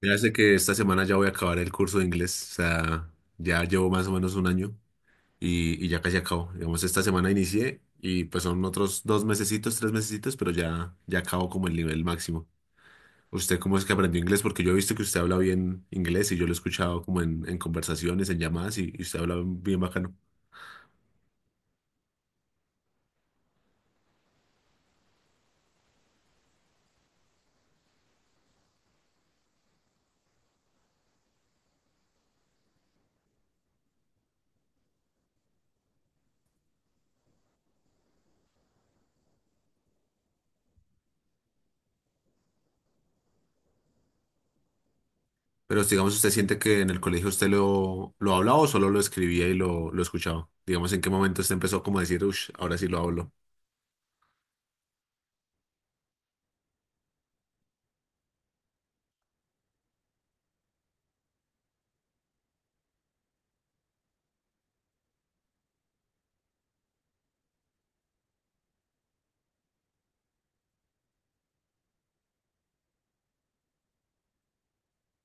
Ya sé que esta semana ya voy a acabar el curso de inglés, o sea, ya llevo más o menos un año y ya casi acabo. Digamos, esta semana inicié y pues son otros dos mesecitos, tres mesecitos, pero ya acabo como el nivel máximo. ¿Usted cómo es que aprendió inglés? Porque yo he visto que usted habla bien inglés y yo lo he escuchado como en, conversaciones, en llamadas y usted habla bien bacano. Pero digamos, ¿usted siente que en el colegio usted lo hablaba o solo lo escribía y lo escuchaba? Digamos, ¿en qué momento usted empezó como a decir, uff, ahora sí lo hablo?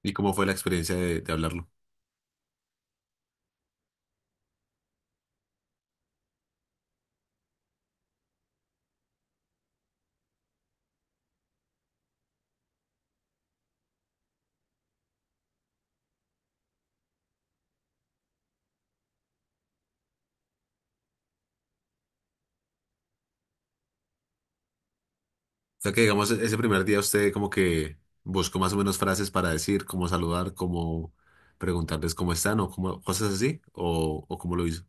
¿Y cómo fue la experiencia de hablarlo? O sea que digamos, ese primer día usted como que buscó más o menos frases para decir, cómo saludar, cómo preguntarles cómo están o cómo, cosas así, o cómo lo hizo.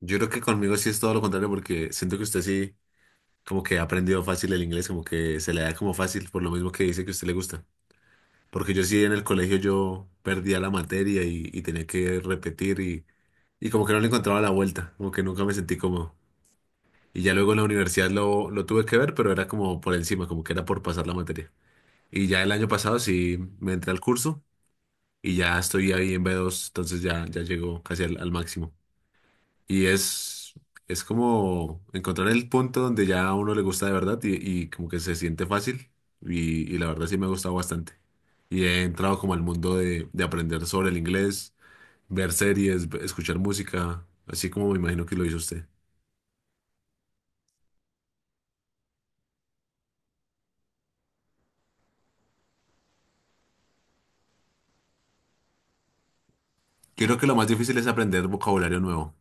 Yo creo que conmigo sí es todo lo contrario porque siento que usted sí como que ha aprendido fácil el inglés, como que se le da como fácil por lo mismo que dice que a usted le gusta. Porque yo sí en el colegio yo perdía la materia y tenía que repetir y como que no le encontraba la vuelta, como que nunca me sentí cómodo. Y ya luego en la universidad lo tuve que ver, pero era como por encima, como que era por pasar la materia. Y ya el año pasado sí me entré al curso y ya estoy ahí en B2, entonces ya llego casi al máximo. Y es como encontrar el punto donde ya a uno le gusta de verdad y como que se siente fácil y la verdad sí me ha gustado bastante. Y he entrado como al mundo de aprender sobre el inglés, ver series, escuchar música, así como me imagino que lo hizo usted. Creo que lo más difícil es aprender vocabulario nuevo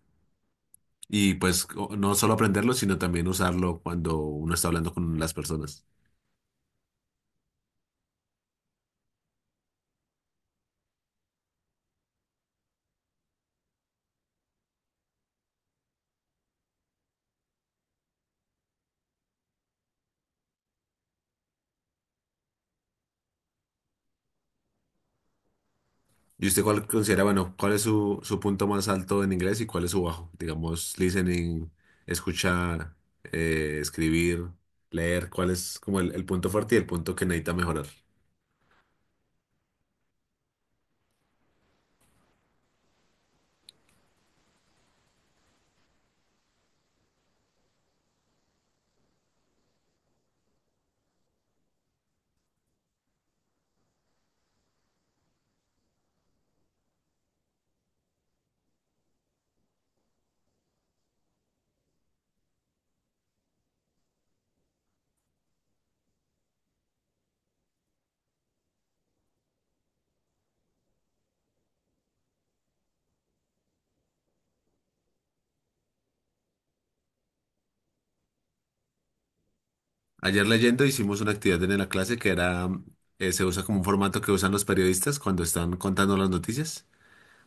y pues no solo aprenderlo, sino también usarlo cuando uno está hablando con las personas. ¿Y usted cuál considera, bueno, cuál es su, punto más alto en inglés y cuál es su bajo? Digamos, listening, escuchar, escribir, leer, ¿cuál es como el punto fuerte y el punto que necesita mejorar? Ayer leyendo hicimos una actividad en la clase que era, se usa como un formato que usan los periodistas cuando están contando las noticias,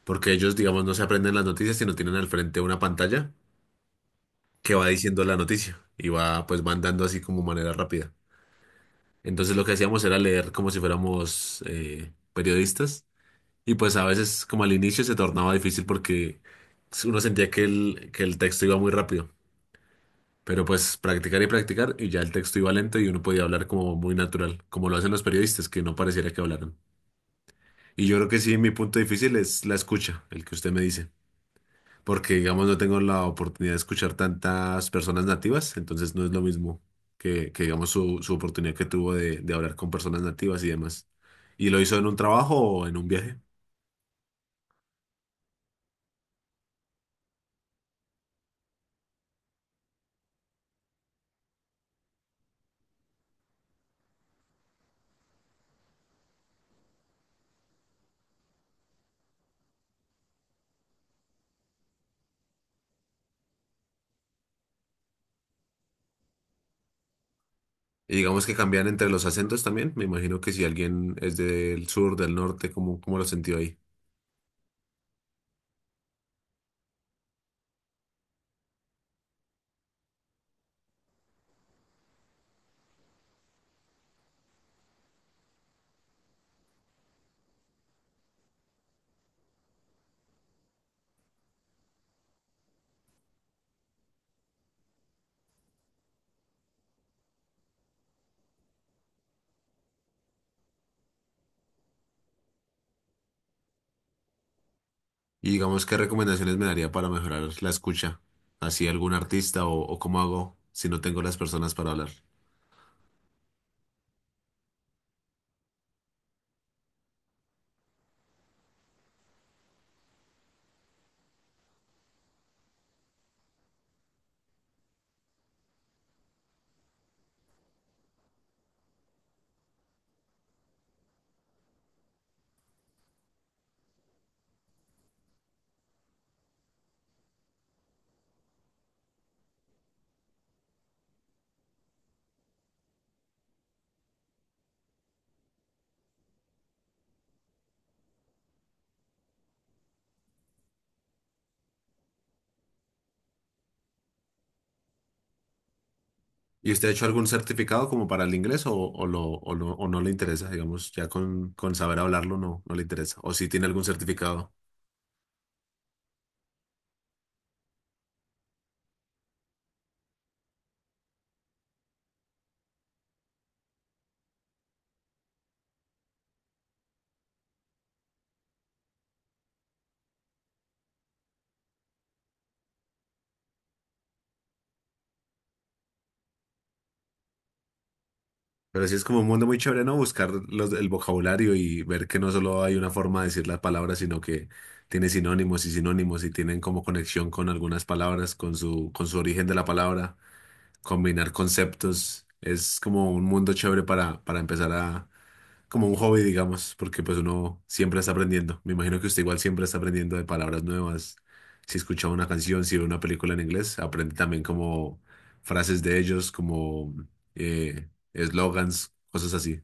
porque ellos, digamos, no se aprenden las noticias, sino tienen al frente una pantalla que va diciendo la noticia y va, pues, van dando así como manera rápida. Entonces lo que hacíamos era leer como si fuéramos periodistas y pues a veces como al inicio se tornaba difícil porque uno sentía que el, texto iba muy rápido, pero pues practicar y practicar y ya el texto iba lento y uno podía hablar como muy natural, como lo hacen los periodistas, que no pareciera que hablaran. Y yo creo que sí, mi punto difícil es la escucha, el que usted me dice, porque digamos no tengo la oportunidad de escuchar tantas personas nativas, entonces no es lo mismo que, digamos su oportunidad que tuvo de hablar con personas nativas y demás. ¿Y lo hizo en un trabajo o en un viaje? Y digamos que cambian entre los acentos también, me imagino que si alguien es del sur, del norte, ¿cómo lo sintió ahí? Y digamos, ¿qué recomendaciones me daría para mejorar la escucha? ¿Así algún artista o cómo hago si no tengo las personas para hablar? ¿Y usted ha hecho algún certificado como para el inglés o no le interesa? Digamos, ya con saber hablarlo no, no le interesa. O si tiene algún certificado. Pero sí es como un mundo muy chévere, ¿no? Buscar el vocabulario y ver que no solo hay una forma de decir las palabras, sino que tiene sinónimos y sinónimos y tienen como conexión con algunas palabras, con su, origen de la palabra, combinar conceptos. Es como un mundo chévere para empezar a como un hobby, digamos, porque pues uno siempre está aprendiendo. Me imagino que usted igual siempre está aprendiendo de palabras nuevas. Si escucha una canción, si ve una película en inglés, aprende también como frases de ellos, como eslogans, cosas así.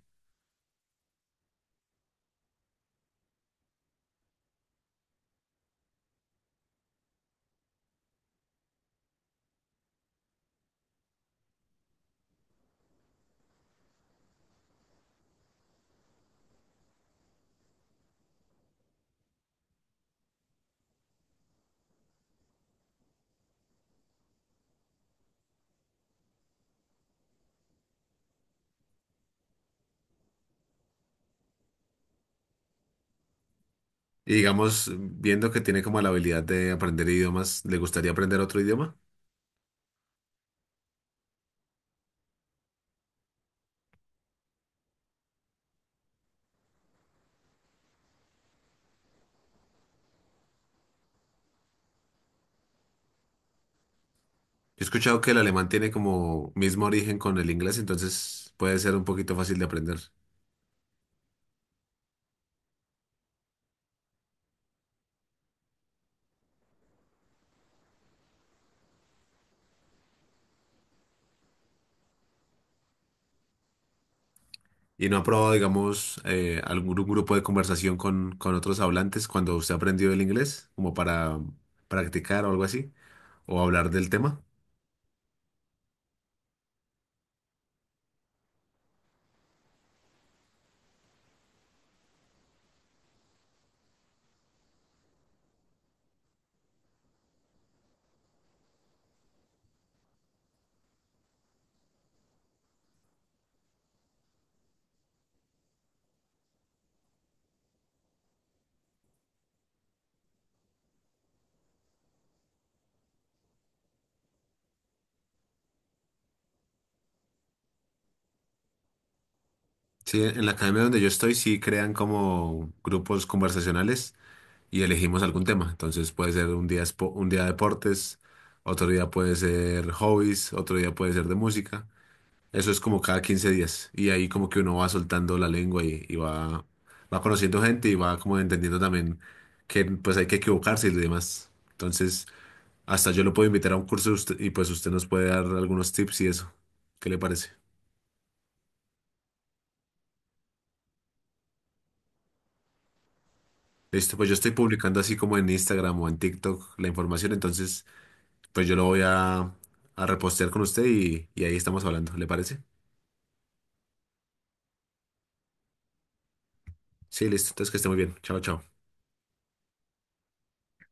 Y digamos, viendo que tiene como la habilidad de aprender idiomas, ¿le gustaría aprender otro idioma? Yo he escuchado que el alemán tiene como mismo origen con el inglés, entonces puede ser un poquito fácil de aprender. ¿Y no ha probado, digamos, algún grupo de conversación con, otros hablantes cuando usted aprendió el inglés, como para practicar o algo así, o hablar del tema? Sí, en la academia donde yo estoy sí crean como grupos conversacionales y elegimos algún tema. Entonces puede ser un día, un día deportes, otro día puede ser hobbies, otro día puede ser de música. Eso es como cada 15 días y ahí como que uno va soltando la lengua y va, conociendo gente y va como entendiendo también que pues hay que equivocarse y demás. Entonces, hasta yo lo puedo invitar a un curso de y pues usted nos puede dar algunos tips y eso. ¿Qué le parece? Listo, pues yo estoy publicando así como en Instagram o en TikTok la información, entonces pues yo lo voy a, repostear con usted y ahí estamos hablando. ¿Le parece? Sí, listo. Entonces que esté muy bien. Chao, chao.